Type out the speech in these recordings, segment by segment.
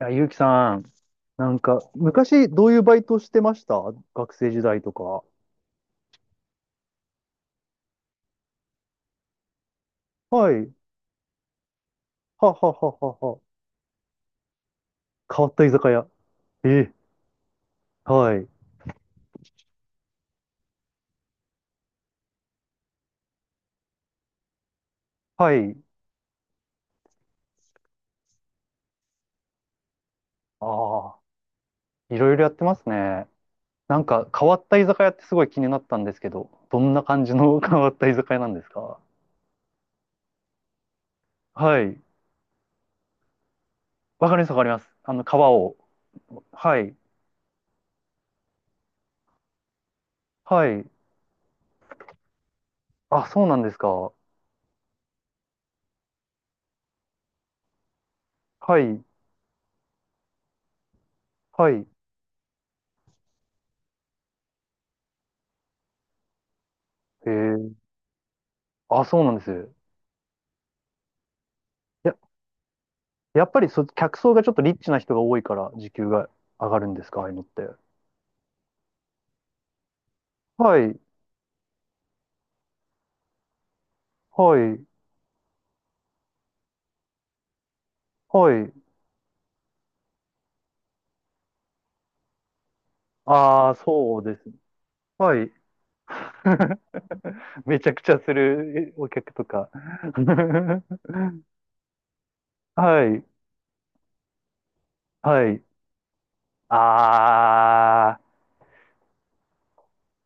いや、ゆうきさん、なんか、昔どういうバイトしてました？学生時代とか。はい。ははははは。変わった居酒屋。え、はい。はい。ああ、いろいろやってますね。なんか、変わった居酒屋ってすごい気になったんですけど、どんな感じの 変わった居酒屋なんですか？はい。わかります、わかります。あの、川を。はい。はい。あ、そうなんですか。はい。はい。へえ。あ、そうなんです。いや、やっぱり客層がちょっとリッチな人が多いから時給が上がるんですか、ああいうのって。はい、はい、はい。ああ、そうですね。はい。めちゃくちゃするお客とか。はい、はい。あ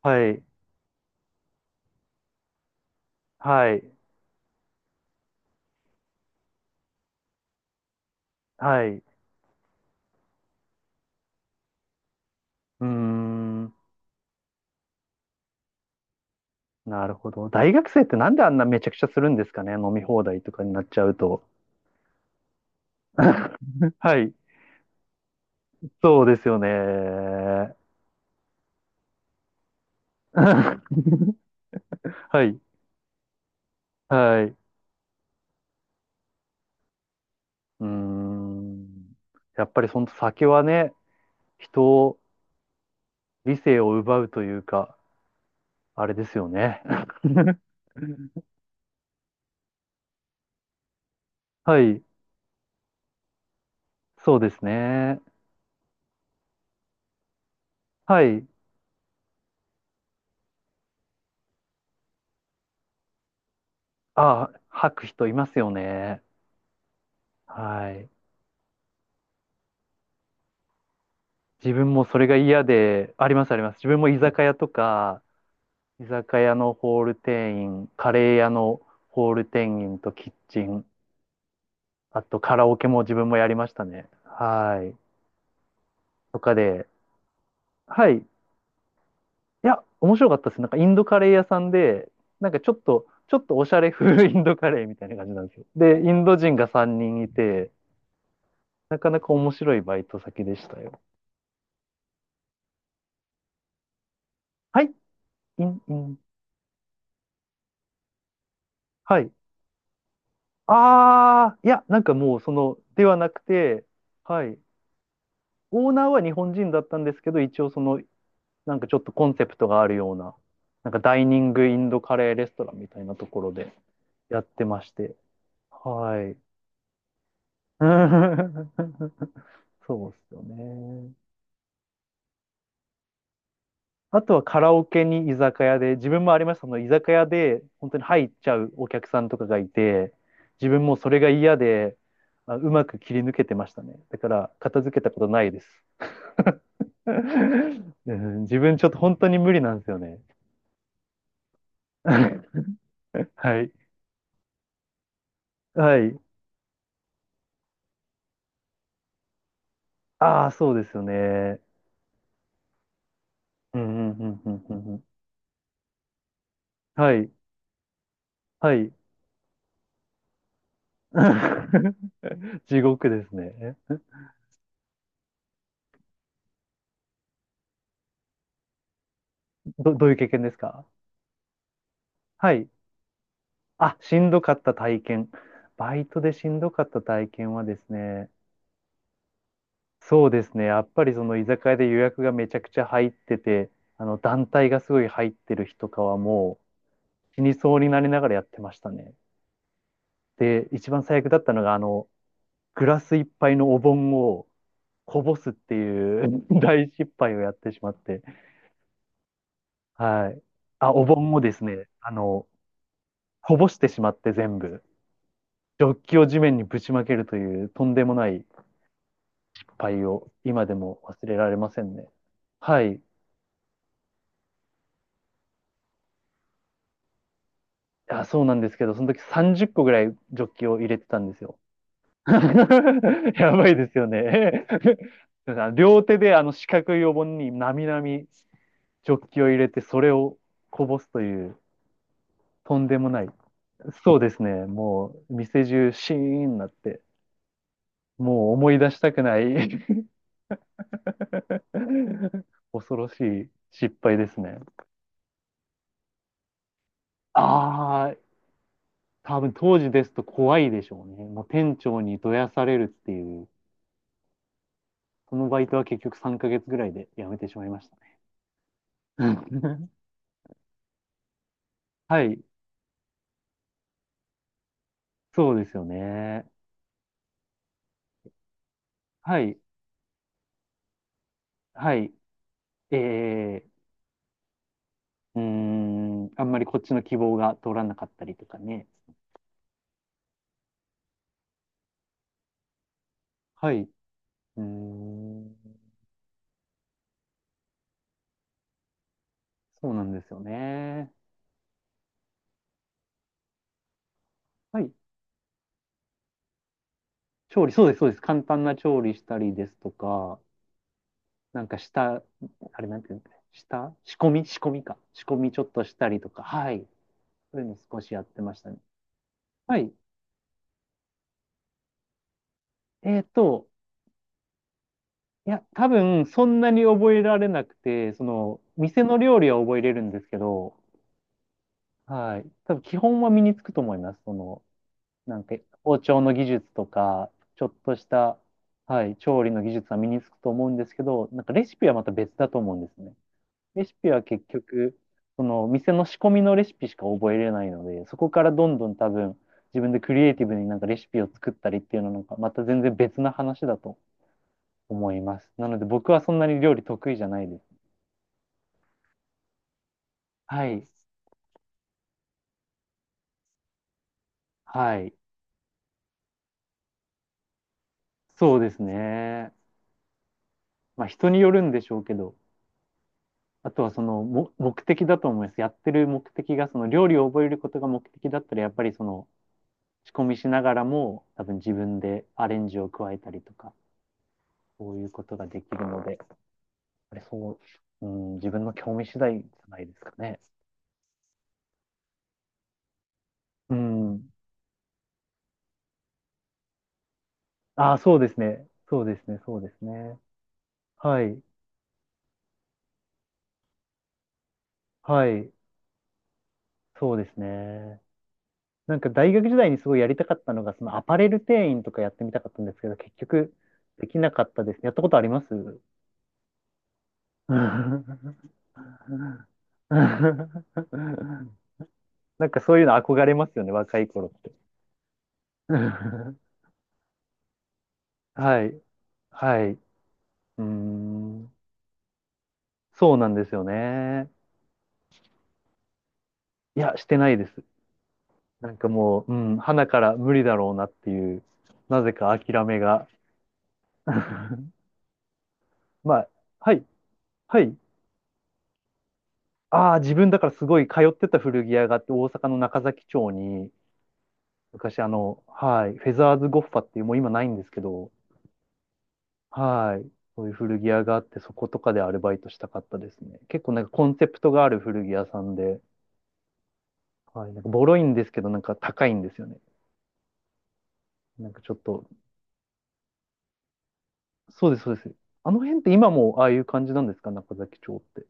あ、はい、はい、はい。うーん、なるほど。大学生ってなんであんなめちゃくちゃするんですかね、飲み放題とかになっちゃうと。はい、そうですよね。はい。はい。うーん。やっぱりその酒はね、人を、理性を奪うというか、あれですよね。はい。そうですね。はい。あ、吐く人いますよね。はい。自分もそれが嫌で、あります、あります。自分も居酒屋とか、居酒屋のホール店員、カレー屋のホール店員とキッチン、あとカラオケも自分もやりましたね。はい。とかで、はい。いや、面白かったです。なんかインドカレー屋さんで、なんかちょっと、ちょっとおしゃれ風インドカレーみたいな感じなんですよ。で、インド人が3人いて、なかなか面白いバイト先でしたよ。はい、イン、イン、はい。あー、いや、なんかもうその、ではなくて、はい。オーナーは日本人だったんですけど、一応その、なんかちょっとコンセプトがあるような、なんかダイニングインドカレーレストランみたいなところでやってまして。はい。そうですよね。あとはカラオケに居酒屋で、自分もありました、その居酒屋で本当に入っちゃうお客さんとかがいて、自分もそれが嫌で、あ、うまく切り抜けてましたね。だから片付けたことないです。うん、自分ちょっと本当に無理なんですよね。はい。はい。ああ、そうですよね。うんうんうんうんうんうん。はい。はい。地獄ですね。どういう経験ですか？はい。あ、しんどかった体験。バイトでしんどかった体験はですね、そうですね、やっぱりその居酒屋で予約がめちゃくちゃ入ってて、あの団体がすごい入ってる日とかはもう死にそうになりながらやってましたね。で、一番最悪だったのが、あの、グラス一杯のお盆をこぼすっていう 大失敗をやってしまって、はい。あ、お盆をですね、あの、こぼしてしまって全部、ジョッキを地面にぶちまけるというとんでもない敗を今でも忘れられませんね。はい。あ、そうなんですけど、その時30個ぐらいジョッキを入れてたんですよ。やばいですよね。両手であの四角いお盆になみなみジョッキを入れて、それをこぼすという、とんでもない。そうですね。もう、店中シーンになって、もう思い出したくない。 恐ろしい失敗ですね。ああ、多分当時ですと怖いでしょうね。もう店長にどやされるっていう、そのバイトは結局3ヶ月ぐらいで辞めてしまいましたね。はい、そうですよね。はい、はい。えー、うーん、あんまりこっちの希望が通らなかったりとかね。はい、うーん、そうなんですよね。はい、調理、そうです、そうです。簡単な調理したりですとか、なんか下、あれなんていうんですかね、下仕込み、仕込みか。仕込みちょっとしたりとか、はい。そういうの少しやってましたね。はい。えっと、いや、多分そんなに覚えられなくて、その、店の料理は覚えれるんですけど、はい。多分基本は身につくと思います。その、なんか、包丁の技術とか、ちょっとした、はい、調理の技術は身につくと思うんですけど、なんかレシピはまた別だと思うんですね。レシピは結局、その店の仕込みのレシピしか覚えれないので、そこからどんどん多分自分でクリエイティブになんかレシピを作ったりっていうのはなんかまた全然別な話だと思います。なので僕はそんなに料理得意じゃないです。はい。はい。そうですね。まあ人によるんでしょうけど、あとはそのも目的だと思います。やってる目的がその料理を覚えることが目的だったらやっぱりその仕込みしながらも多分自分でアレンジを加えたりとか、そういうことができるので。あれ、そう、うん、自分の興味次第じゃないですかね。うん。ああ、そうですね。そうですね。そうですね。はい。はい。そうですね。なんか大学時代にすごいやりたかったのが、そのアパレル店員とかやってみたかったんですけど、結局できなかったですね。やったことあります？うん。 なんかそういうの憧れますよね、若い頃って。はい。はい。うーん。そうなんですよね。いや、してないです。なんかもう、うん、花から無理だろうなっていう、なぜか諦めが。まあ、はい、はい。ああ、自分だからすごい通ってた古着屋があって、大阪の中崎町に、昔あの、はい、フェザーズゴッファっていう、もう今ないんですけど、はい、そういう古着屋があって、そことかでアルバイトしたかったですね。結構なんかコンセプトがある古着屋さんで、はい、なんかボロいんですけど、なんか高いんですよね。なんかちょっと、そうです、そうです。あの辺って今もああいう感じなんですか、中崎町って。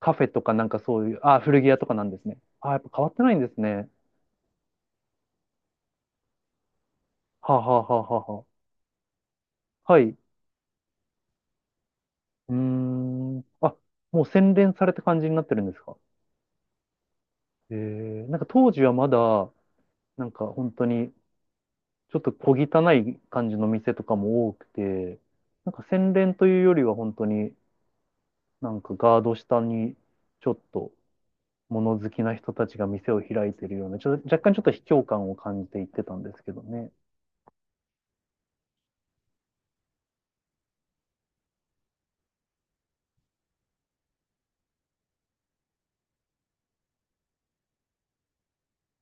カフェとかなんかそういう、ああ、古着屋とかなんですね。ああ、やっぱ変わってないんですね。はあ、はあはあはあはあ、はい。うーん。あ、もう洗練された感じになってるんですか。えー、なんか当時はまだ、なんか本当に、ちょっと小汚い感じの店とかも多くて、なんか洗練というよりは本当になんかガード下にちょっと物好きな人たちが店を開いているような、ちょっと若干ちょっと卑怯感を感じていってたんですけどね。